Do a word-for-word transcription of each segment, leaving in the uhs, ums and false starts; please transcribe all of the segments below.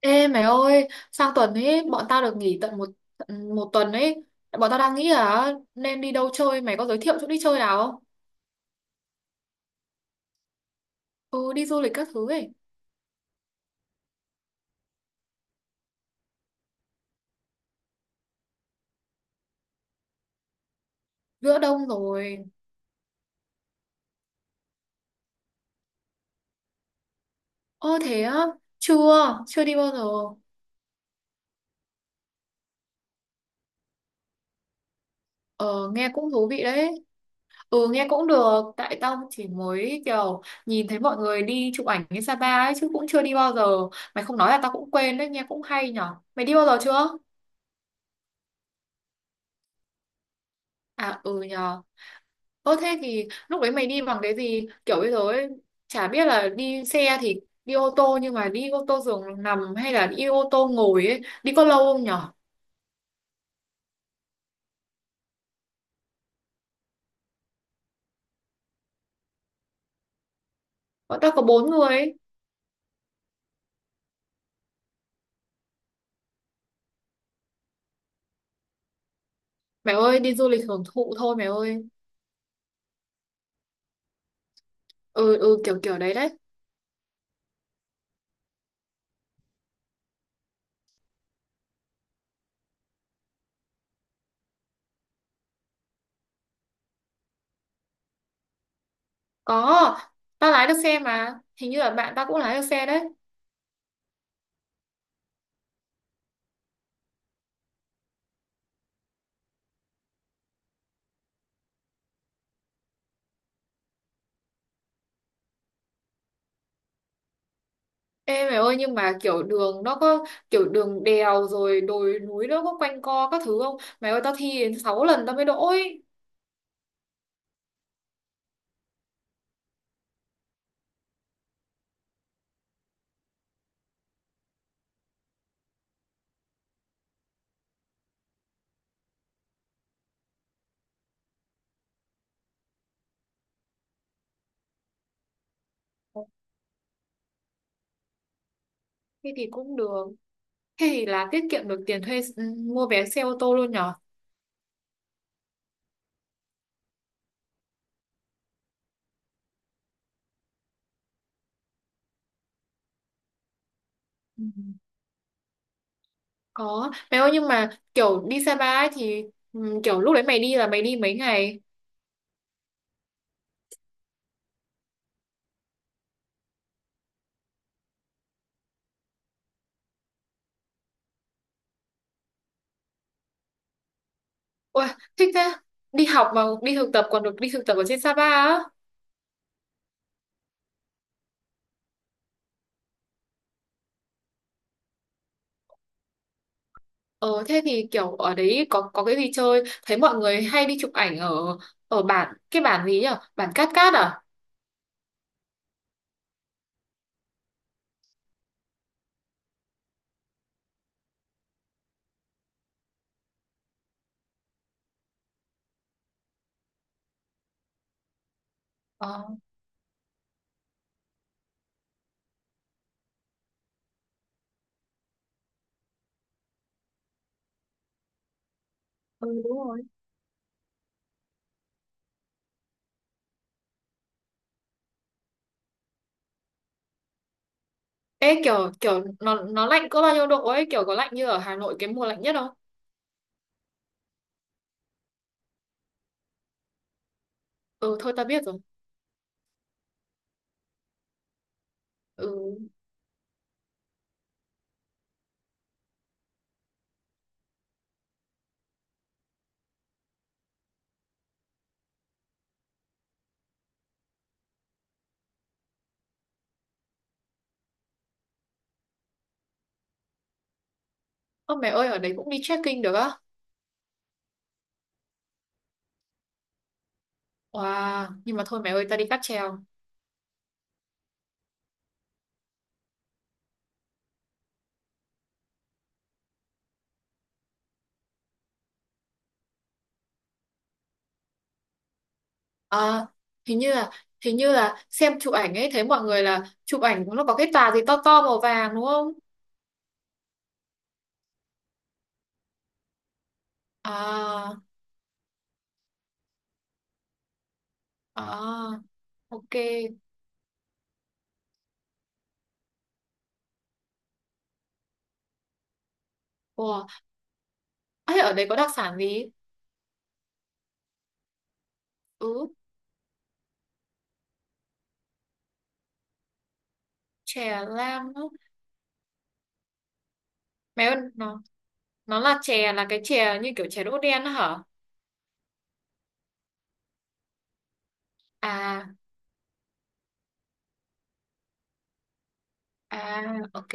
Ê mày ơi, sang tuần ấy bọn tao được nghỉ tận một một tuần ấy. Bọn tao đang nghĩ là nên đi đâu chơi, mày có giới thiệu chỗ đi chơi nào không? Ừ, đi du lịch các thứ ấy. Giữa đông rồi. Ơ thế á, chưa, chưa đi bao giờ. Ờ, nghe cũng thú vị đấy. Ừ, nghe cũng được, tại tao chỉ mới kiểu nhìn thấy mọi người đi chụp ảnh đến Sapa ấy chứ cũng chưa đi bao giờ. Mày không nói là tao cũng quên đấy, nghe cũng hay nhở. Mày đi bao giờ chưa? À ừ nhờ. Ơ thế thì lúc đấy mày đi bằng cái gì? Kiểu bây giờ ấy, chả biết là đi xe thì đi ô tô nhưng mà đi ô tô giường nằm hay là đi ô tô ngồi ấy, đi có lâu không nhở? Bọn tao có bốn người ấy. Mẹ ơi, đi du lịch hưởng thụ thôi mẹ ơi. Ừ ừ kiểu kiểu đấy đấy. Có, tao lái được xe mà. Hình như là bạn tao cũng lái được xe đấy. Ê mẹ ơi nhưng mà kiểu đường nó có kiểu đường đèo rồi đồi núi nó có quanh co các thứ không? Mẹ ơi tao thi đến sáu lần tao mới đỗ ấy. Thế thì cũng được. Thế thì là tiết kiệm được tiền thuê ừ, mua vé xe ô tô luôn nhở? Ừ. Có. Mày ơi nhưng mà kiểu đi Sapa ấy thì ừ, kiểu lúc đấy mày đi là mày đi mấy ngày? Ôi, thích thế. Đi học mà đi thực tập còn được đi thực tập ở trên Sapa á. Ờ thế thì kiểu ở đấy có có cái gì chơi? Thấy mọi người hay đi chụp ảnh ở ở bản cái bản gì nhỉ? Bản Cát Cát à? Ờ. Ừ đúng rồi. Ê kiểu kiểu nó nó lạnh có bao nhiêu độ ấy, kiểu có lạnh như ở Hà Nội cái mùa lạnh nhất không? Ừ thôi ta biết rồi. Ừ. Ơ mẹ ơi ở đấy cũng đi trekking được á? Wow, nhưng mà thôi mẹ ơi ta đi cáp treo. À, hình như là hình như là xem chụp ảnh ấy thấy mọi người là chụp ảnh nó có cái tà gì to to màu vàng đúng không? À. À ok. Wow, ấy ở đấy có đặc sản gì? Ừ, chè lam á. Mẹ ơi nó nó là chè là cái chè như kiểu chè đỗ đen á hả? À. À ok.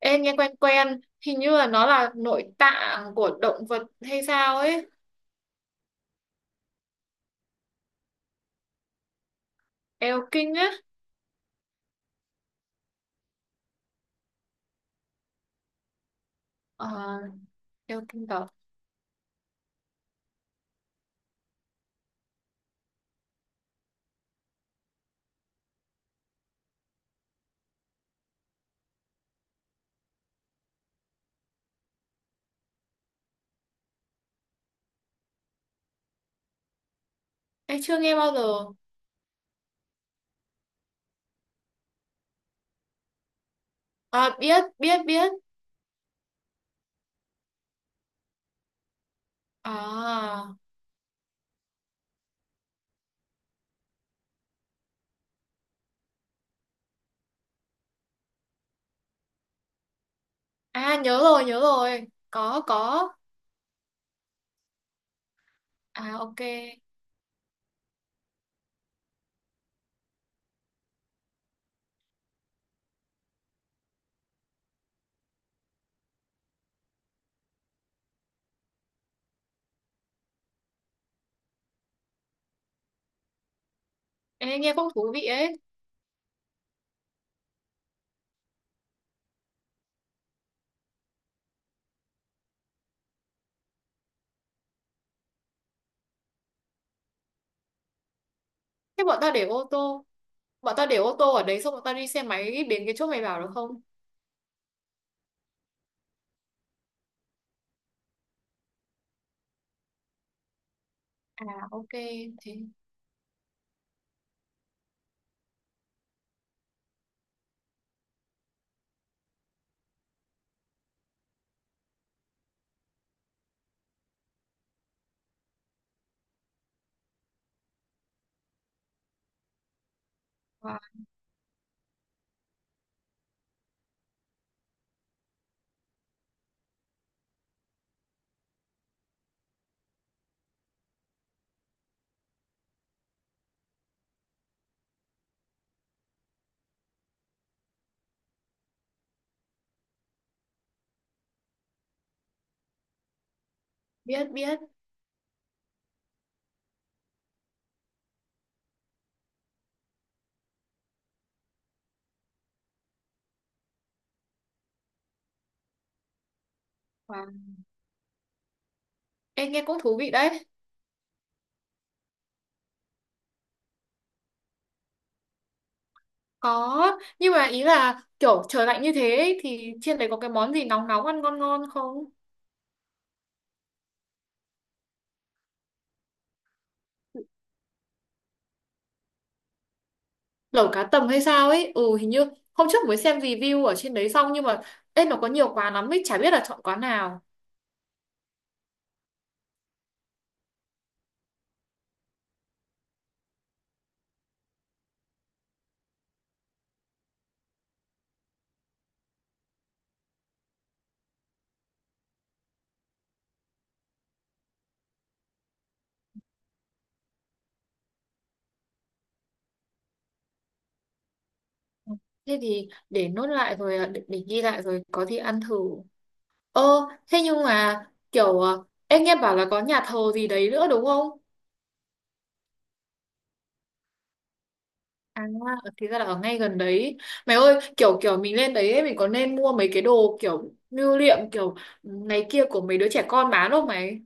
Ê, nghe quen quen, hình như là nó là nội tạng của động vật hay sao ấy. Eo kinh á. Ờ. Đeo kim cẩu. Em chưa nghe bao giờ. À biết, biết, biết. À. À nhớ rồi, nhớ rồi. Có, có. À ok. Em nghe cũng thú vị ấy. Thế bọn ta để ô tô. Bọn ta để ô tô ở đấy xong bọn ta đi xe máy đến cái chỗ mày bảo được không? À ok. Thế. Wow. Biết, biết. Wow. Em nghe cũng thú vị đấy. Có. Nhưng mà ý là kiểu trời lạnh như thế ấy, thì trên đấy có cái món gì nóng nóng ăn ngon ngon không? Lẩu cá tầm hay sao ấy, ừ hình như hôm trước mới xem review ở trên đấy xong, nhưng mà ê nó có nhiều quán lắm ấy chả biết là chọn quán nào. Ừ, thế thì để nốt lại rồi à, để, để ghi lại rồi có gì ăn thử. Ơ thế nhưng mà kiểu à, em nghe bảo là có nhà thờ gì đấy nữa đúng không? À thì ra là ở ngay gần đấy. Mày ơi kiểu kiểu mình lên đấy ấy, mình có nên mua mấy cái đồ kiểu lưu niệm kiểu này kia của mấy đứa trẻ con bán không mày?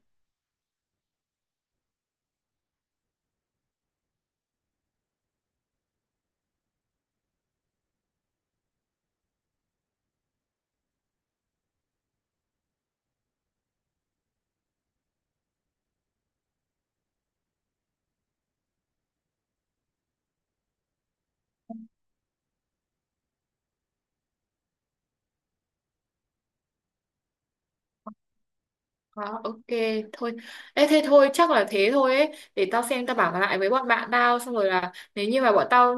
À, ok thôi. Ê, thế thôi chắc là thế thôi ấy, để tao xem tao bảo lại với bọn bạn tao xong rồi là nếu như mà bọn tao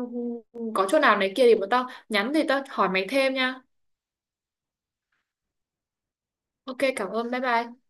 ừ, có chỗ nào này kia thì bọn tao nhắn thì tao hỏi mày thêm nha. Ok cảm ơn bye bye.